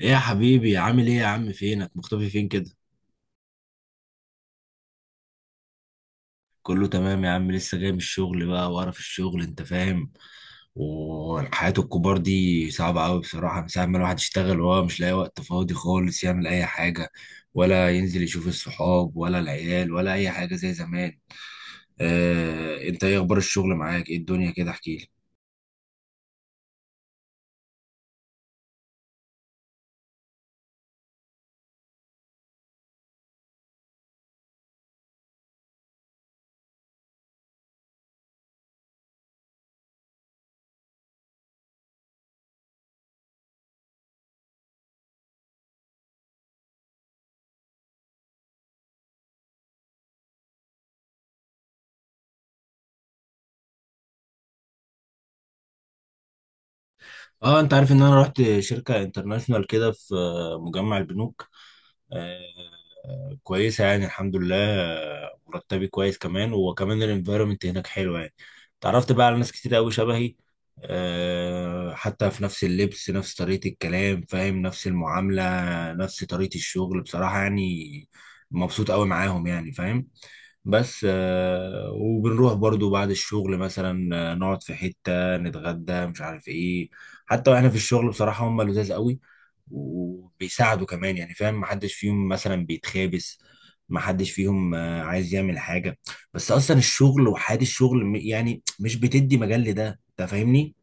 ايه يا حبيبي، عامل ايه يا عم؟ فينك مختفي فين كده؟ كله تمام يا عم، لسه جاي من الشغل بقى، وقرف الشغل انت فاهم. والحياة الكبار دي صعبة قوي بصراحة، من ساعة ما الواحد يشتغل وهو مش لاقي وقت فاضي خالص يعمل اي حاجة، ولا ينزل يشوف الصحاب ولا العيال ولا اي حاجة زي زمان. اه، انت ايه اخبار الشغل معاك؟ ايه الدنيا كده؟ احكيلي. اه، انت عارف ان انا رحت شركة انترناشونال كده في مجمع البنوك. كويسة يعني الحمد لله، مرتبي كويس، كمان وكمان الانفايرمنت هناك حلو يعني. تعرفت بقى على ناس كتير قوي شبهي. حتى في نفس اللبس، نفس طريقة الكلام فاهم، نفس المعاملة، نفس طريقة الشغل بصراحة يعني. مبسوط قوي معاهم يعني فاهم. بس وبنروح برضو بعد الشغل، مثلا نقعد في حتة نتغدى مش عارف ايه. حتى واحنا في الشغل بصراحة هم لذاذ قوي، وبيساعدوا كمان يعني فاهم، محدش فيهم مثلا بيتخابس، محدش فيهم عايز يعمل حاجة. بس اصلا الشغل وحياة الشغل يعني مش بتدي مجال لده انت فاهمني.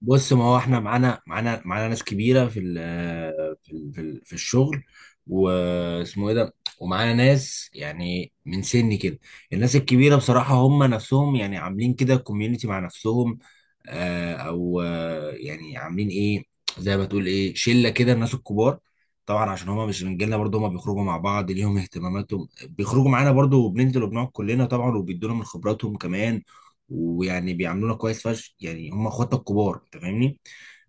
بص، ما هو احنا معانا ناس كبيره في في الشغل. واسمه ايه ده؟ ومعانا ناس يعني من سني كده. الناس الكبيره بصراحه هم نفسهم يعني عاملين كده كوميونتي مع نفسهم، او يعني عاملين ايه، زي ما تقول ايه شله كده الناس الكبار. طبعا عشان هم مش من جيلنا برضه، هم بيخرجوا مع بعض ليهم اهتماماتهم، بيخرجوا معانا برضه وبننزل وبنقعد كلنا طبعا، وبيدونا من خبراتهم كمان. ويعني بيعاملونا كويس فشخ، يعني هم اخواتنا الكبار انت فاهمني.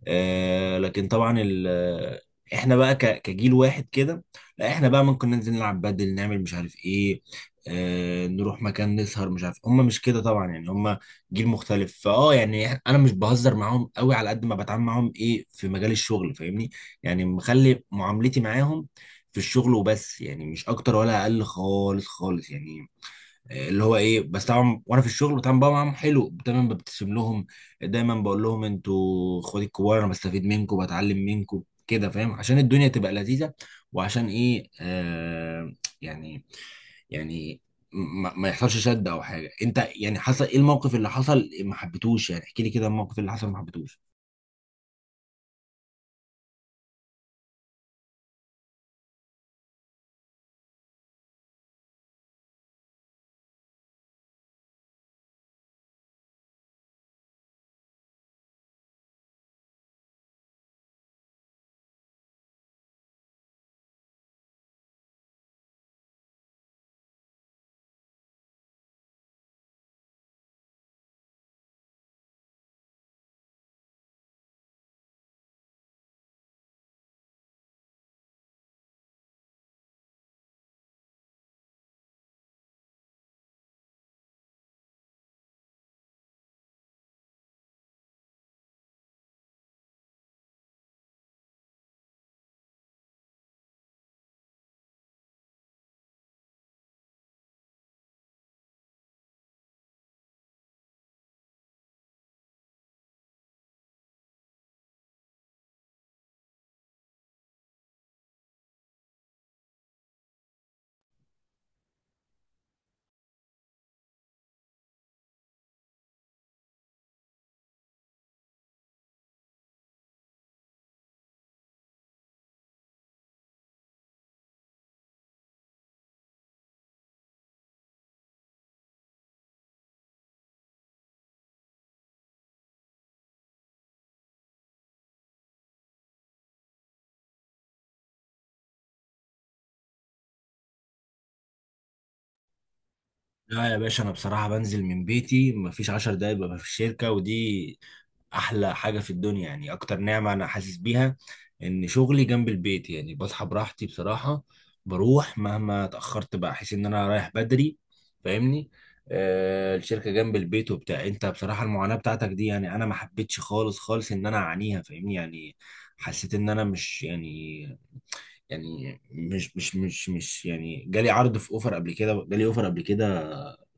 لكن طبعا ال آه، احنا بقى كجيل واحد كده. لا احنا بقى ممكن ننزل نلعب بدل، نعمل مش عارف ايه، نروح مكان نسهر مش عارف. هم مش كده طبعا، يعني هم جيل مختلف فاه يعني، انا مش بهزر معاهم قوي، على قد ما بتعامل معاهم ايه في مجال الشغل فاهمني. يعني مخلي معاملتي معاهم في الشغل وبس، يعني مش اكتر ولا اقل خالص خالص يعني. اللي هو ايه، بس طبعا وانا في الشغل بتعامل بقى معاهم حلو، دايما ببتسم لهم، دايما بقول لهم انتوا اخواتي الكبار، انا بستفيد منكم بتعلم منكم كده فاهم، عشان الدنيا تبقى لذيذه. وعشان ايه آه يعني يعني ما يحصلش شد او حاجه، انت يعني حصل ايه الموقف اللي حصل ما حبيتوش؟ يعني احكي لي كده الموقف اللي حصل ما حبيتوش. لا يا باشا، انا بصراحه بنزل من بيتي مفيش 10 دقايق ببقى في الشركه، ودي احلى حاجه في الدنيا، يعني اكتر نعمه انا حاسس بيها ان شغلي جنب البيت، يعني بصحى براحتي بصراحه، بروح مهما اتاخرت بقى احس ان انا رايح بدري. فاهمني. الشركه جنب البيت وبتاع، انت بصراحه المعاناه بتاعتك دي يعني انا ما حبيتش خالص خالص ان انا اعانيها فاهمني يعني. حسيت ان انا مش يعني، يعني مش يعني جالي عرض في اوفر قبل كده، جالي اوفر قبل كده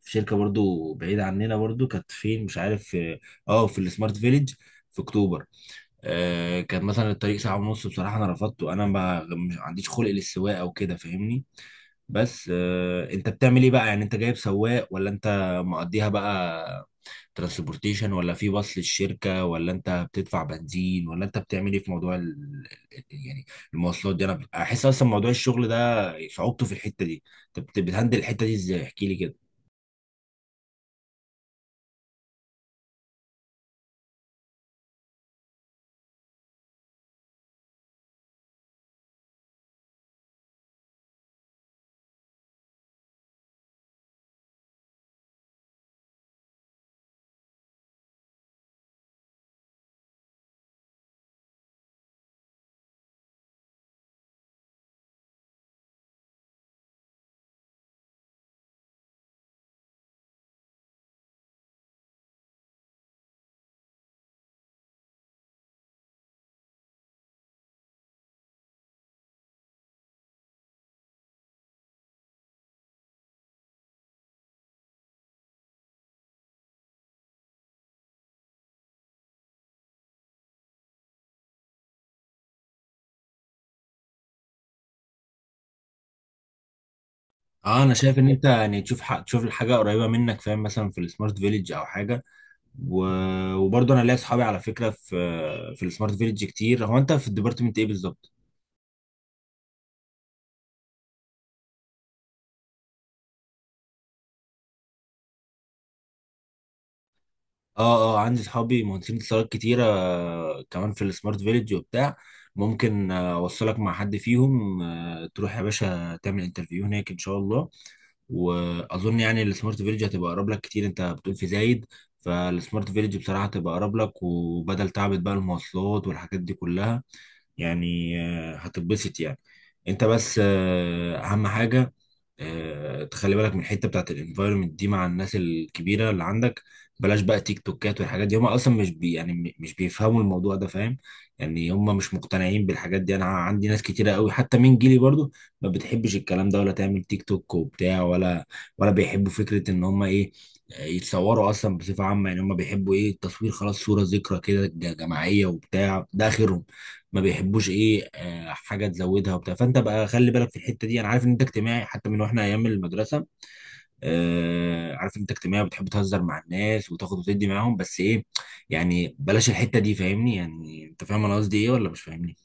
في شركه برضو بعيده عننا، برضو كانت فين مش عارف في، اه في السمارت فيليج، في اكتوبر. كان مثلا الطريق ساعه ونص، بصراحه انا رفضته، انا ما مش عنديش خلق للسواقه او كده فاهمني. بس انت بتعمل ايه بقى؟ يعني انت جايب سواق ولا انت مقضيها بقى ترانسبورتيشن؟ ولا في باص للشركه؟ ولا انت بتدفع بنزين؟ ولا انت بتعمل ايه في موضوع يعني المواصلات دي؟ انا احس اصلا موضوع الشغل ده صعوبته في الحته دي، انت بتهندل الحته دي ازاي؟ احكي لي كده. اه، انا شايف ان انت يعني تشوف، حق تشوف الحاجه قريبه منك فاهم، مثلا في السمارت فيليج او حاجه. و... وبرضه انا ليا اصحابي على فكره في في السمارت فيليج كتير. هو انت في الديبارتمنت ايه بالظبط؟ اه، اه، عندي صحابي مهندسين اتصالات كتيرة كمان في السمارت فيليج وبتاع. ممكن اوصلك مع حد فيهم، تروح يا باشا تعمل انترفيو هناك ان شاء الله. واظن يعني السمارت فيليج هتبقى اقرب لك كتير، انت بتقول في زايد. فالسمارت فيليج بصراحة هتبقى اقرب لك، وبدل تعبت بقى المواصلات والحاجات دي كلها، يعني هتتبسط يعني. انت بس اهم حاجة، تخلي بالك من الحتة بتاعت الانفايرمنت دي مع الناس الكبيرة اللي عندك. بلاش بقى تيك توكات والحاجات دي، هم اصلا مش بيفهموا الموضوع ده فاهم. يعني هم مش مقتنعين بالحاجات دي، انا عندي ناس كتيره قوي حتى من جيلي برضو ما بتحبش الكلام ده ولا تعمل تيك توك وبتاع، ولا ولا بيحبوا فكره ان هم ايه يتصوروا اصلا بصفه عامه. يعني هم بيحبوا ايه التصوير، خلاص صوره ذكرى كده جماعيه وبتاع ده اخرهم. ما بيحبوش ايه حاجه تزودها وبتاع، فانت بقى خلي بالك في الحته دي، انا عارف ان انت اجتماعي حتى من واحنا ايام المدرسه. عارف انت اجتماعي بتحب تهزر مع الناس وتاخد وتدي معاهم، بس ايه، يعني بلاش الحتة دي فاهمني، يعني انت فاهم انا قصدي ايه ولا مش فاهمني؟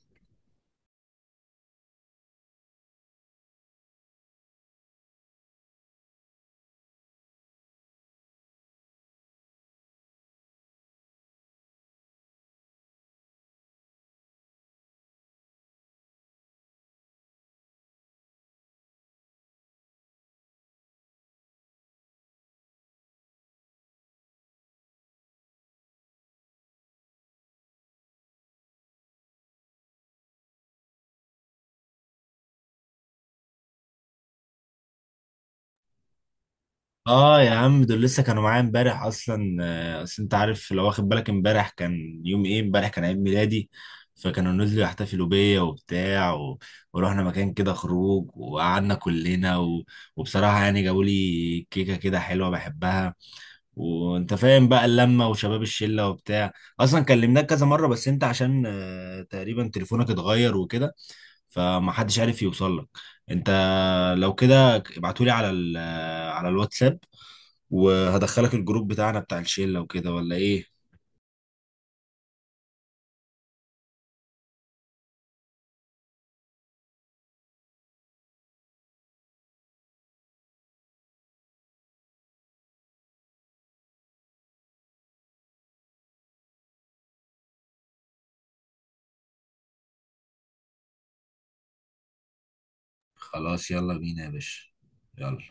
اه يا عم، دول لسه كانوا معايا امبارح اصلا، اصل انت عارف لو واخد بالك امبارح كان يوم ايه، امبارح كان عيد ميلادي. فكانوا نزلوا يحتفلوا بيا وبتاع ورحنا مكان كده خروج وقعدنا كلنا وبصراحة يعني جابوا لي كيكة كده حلوة بحبها، وانت فاهم بقى اللمه وشباب الشله وبتاع. اصلا كلمناك كذا مره، بس انت عشان تقريبا تليفونك اتغير وكده، فما حدش عارف يوصل لك. انت لو كده ابعتولي على ال آه، على الواتساب، وهدخلك الجروب بتاعنا بتاع الشله وكده ولا ايه؟ خلاص يلا بينا يا باشا. يلا.